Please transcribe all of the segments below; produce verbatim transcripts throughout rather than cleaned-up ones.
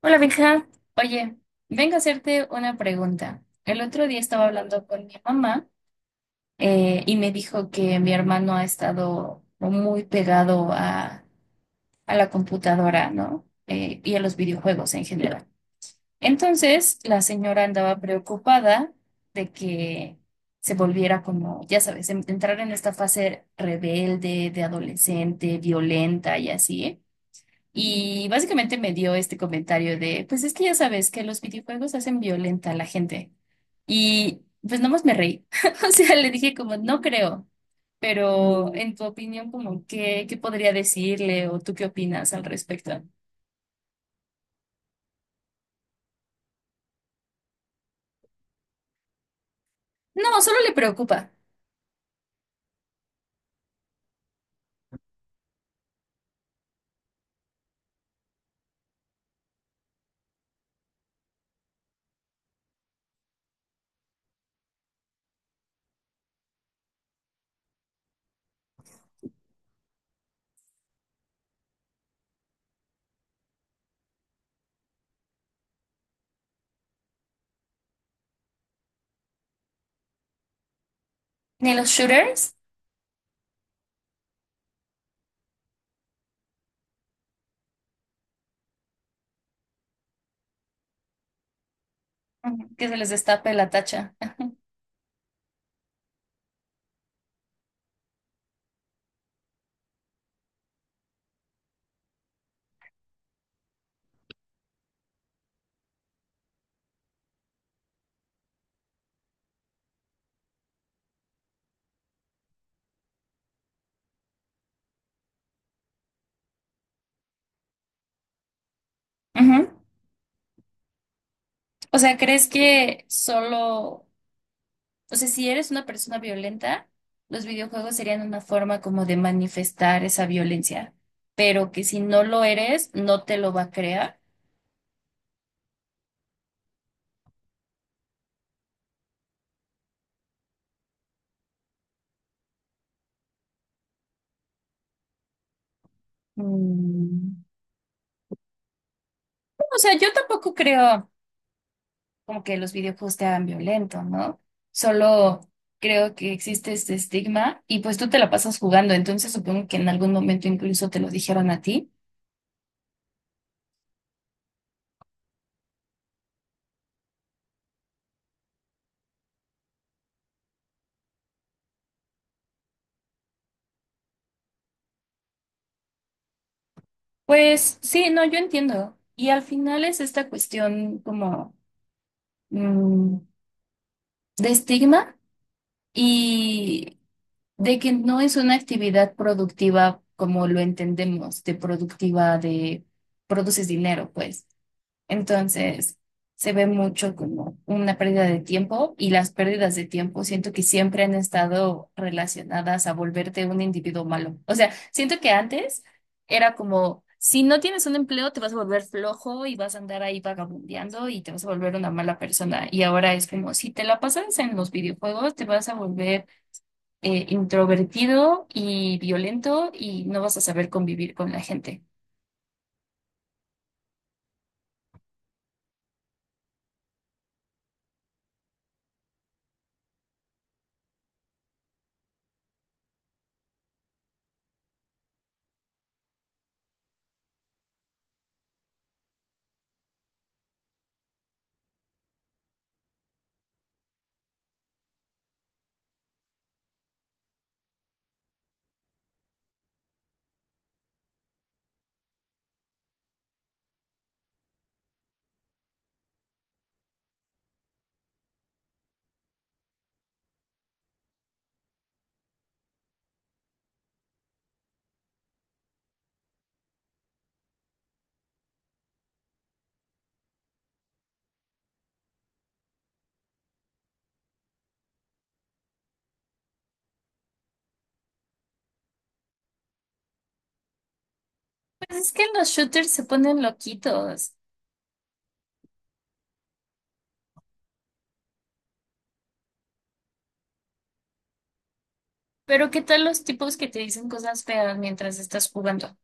Hola, Benja. Oye, vengo a hacerte una pregunta. El otro día estaba hablando con mi mamá eh, y me dijo que mi hermano ha estado muy pegado a, a la computadora, ¿no? Eh, y a los videojuegos en general. Entonces, la señora andaba preocupada de que se volviera como, ya sabes, en- entrar en esta fase rebelde, de adolescente, violenta y así. Y básicamente me dio este comentario de, pues es que ya sabes que los videojuegos hacen violenta a la gente. Y pues nomás me reí. O sea, le dije como, no creo, pero en tu opinión, como, ¿qué, qué podría decirle o tú qué opinas al respecto? No, solo le preocupa. Ni los shooters. Ujú, que se les destape la tacha. Ujú. O sea, ¿crees que solo O sea, si eres una persona violenta, los videojuegos serían una forma como de manifestar esa violencia, pero que si no lo eres, no te lo va a crear. Mm. O sea, yo tampoco creo como que los videojuegos te hagan violento, ¿no? Solo creo que existe este estigma y pues tú te la pasas jugando, entonces supongo que en algún momento incluso te lo dijeron a ti. Pues sí, no, yo entiendo. Y al final es esta cuestión como, mm, de estigma. Y de que no es una actividad productiva como lo entendemos, de productiva de produces dinero, pues. Entonces, se ve mucho como una pérdida de tiempo y las pérdidas de tiempo siento que siempre han estado relacionadas a volverte un individuo malo. O sea, siento que antes era como, si no tienes un empleo, te vas a volver flojo y vas a andar ahí vagabundeando y te vas a volver una mala persona. Y ahora es como, si te la pasas en los videojuegos, te vas a volver eh, introvertido y violento y no vas a saber convivir con la gente. Pues es que los shooters se ponen loquitos, pero ¿qué tal los tipos que te dicen cosas feas mientras estás jugando?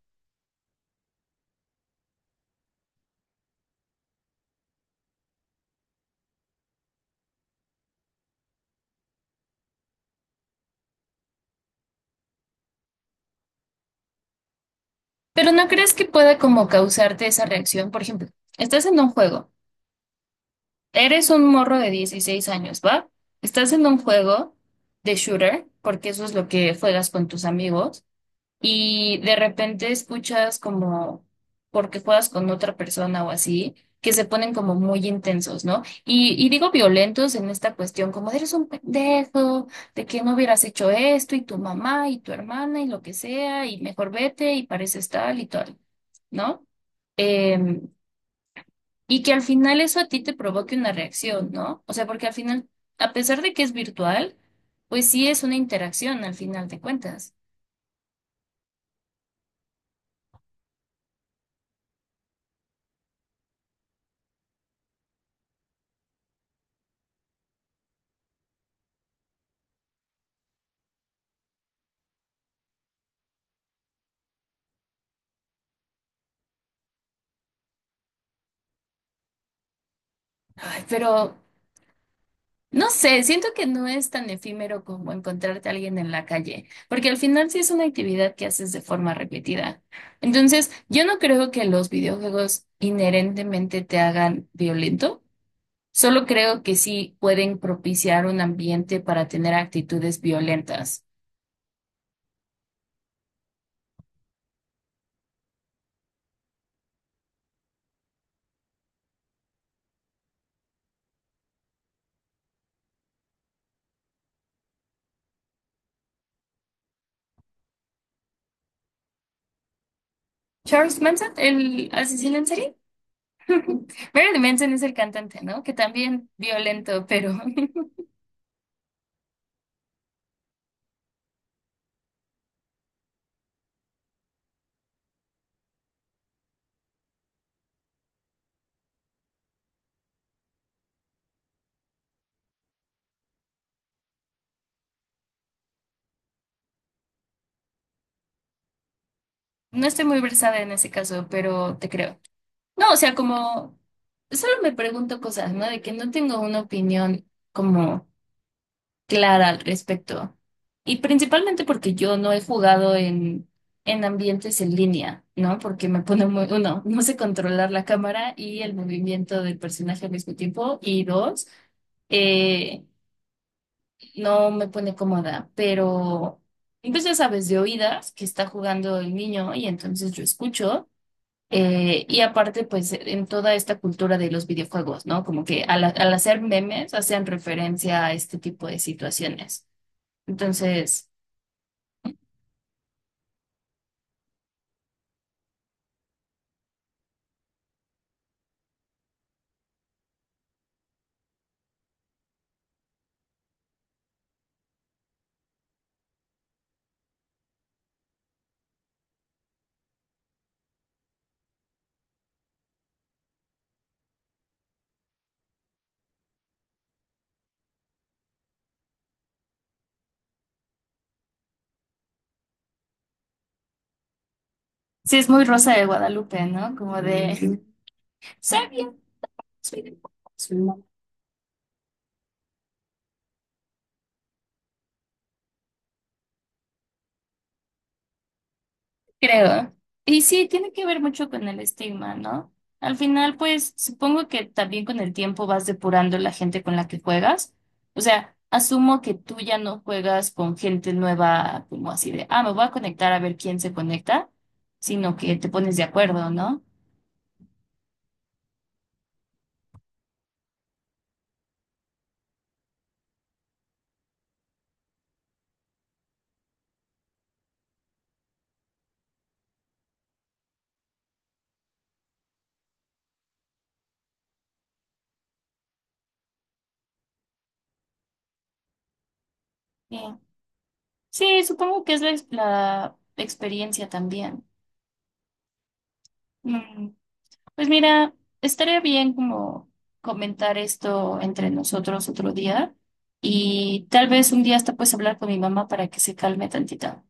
Pero ¿no crees que pueda como causarte esa reacción? Por ejemplo, estás en un juego, eres un morro de dieciséis años, ¿va? Estás en un juego de shooter, porque eso es lo que juegas con tus amigos y de repente escuchas como, porque juegas con otra persona o así, que se ponen como muy intensos, ¿no? Y, y digo violentos en esta cuestión, como eres un pendejo, de que no hubieras hecho esto, y tu mamá, y tu hermana, y lo que sea, y mejor vete, y pareces tal y tal, ¿no? Em, y que al final eso a ti te provoque una reacción, ¿no? O sea, porque al final, a pesar de que es virtual, pues sí es una interacción al final de cuentas. Ay, pero no sé, siento que no es tan efímero como encontrarte a alguien en la calle, porque al final sí es una actividad que haces de forma repetida. Entonces, yo no creo que los videojuegos inherentemente te hagan violento, solo creo que sí pueden propiciar un ambiente para tener actitudes violentas. Charles Manson, el asesino en serie. Marilyn Manson es el cantante, ¿no? Que también violento, pero… No estoy muy versada en ese caso, pero te creo. No, o sea, como solo me pregunto cosas, ¿no? De que no tengo una opinión como clara al respecto. Y principalmente porque yo no he jugado en, en ambientes en línea, ¿no? Porque me pone muy, uno, no sé controlar la cámara y el movimiento del personaje al mismo tiempo. Y dos, eh, no me pone cómoda, pero pues ya sabes, de oídas que está jugando el niño y entonces yo escucho. Eh, y aparte, pues en toda esta cultura de los videojuegos, ¿no? Como que al, al hacer memes hacen referencia a este tipo de situaciones. Entonces, sí es muy Rosa de Guadalupe, ¿no? Como de, soy bien, soy de pocos". Creo. Y sí, tiene que ver mucho con el estigma, ¿no? Al final, pues supongo que también con el tiempo vas depurando la gente con la que juegas. O sea, asumo que tú ya no juegas con gente nueva, como así de, ah, me voy a conectar a ver quién se conecta, sino que te pones de acuerdo, ¿no? Sí. Sí, supongo que es la, ex- la experiencia también. Mm. Pues mira, estaría bien como comentar esto entre nosotros otro día y tal vez un día hasta puedes hablar con mi mamá para que se calme tantito.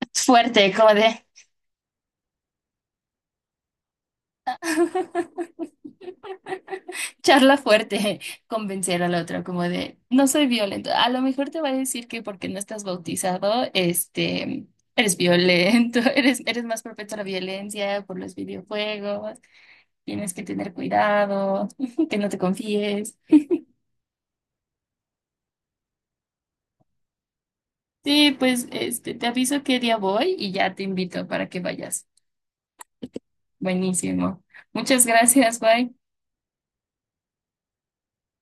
Fuerte, como de… Charla fuerte, convencer a la otra como de no soy violento. A lo mejor te va a decir que porque no estás bautizado, este, eres violento, eres, eres más propenso a la violencia por los videojuegos, tienes que tener cuidado, que no te confíes. Sí, pues este, te aviso qué día voy y ya te invito para que vayas. Buenísimo. Muchas gracias, bye.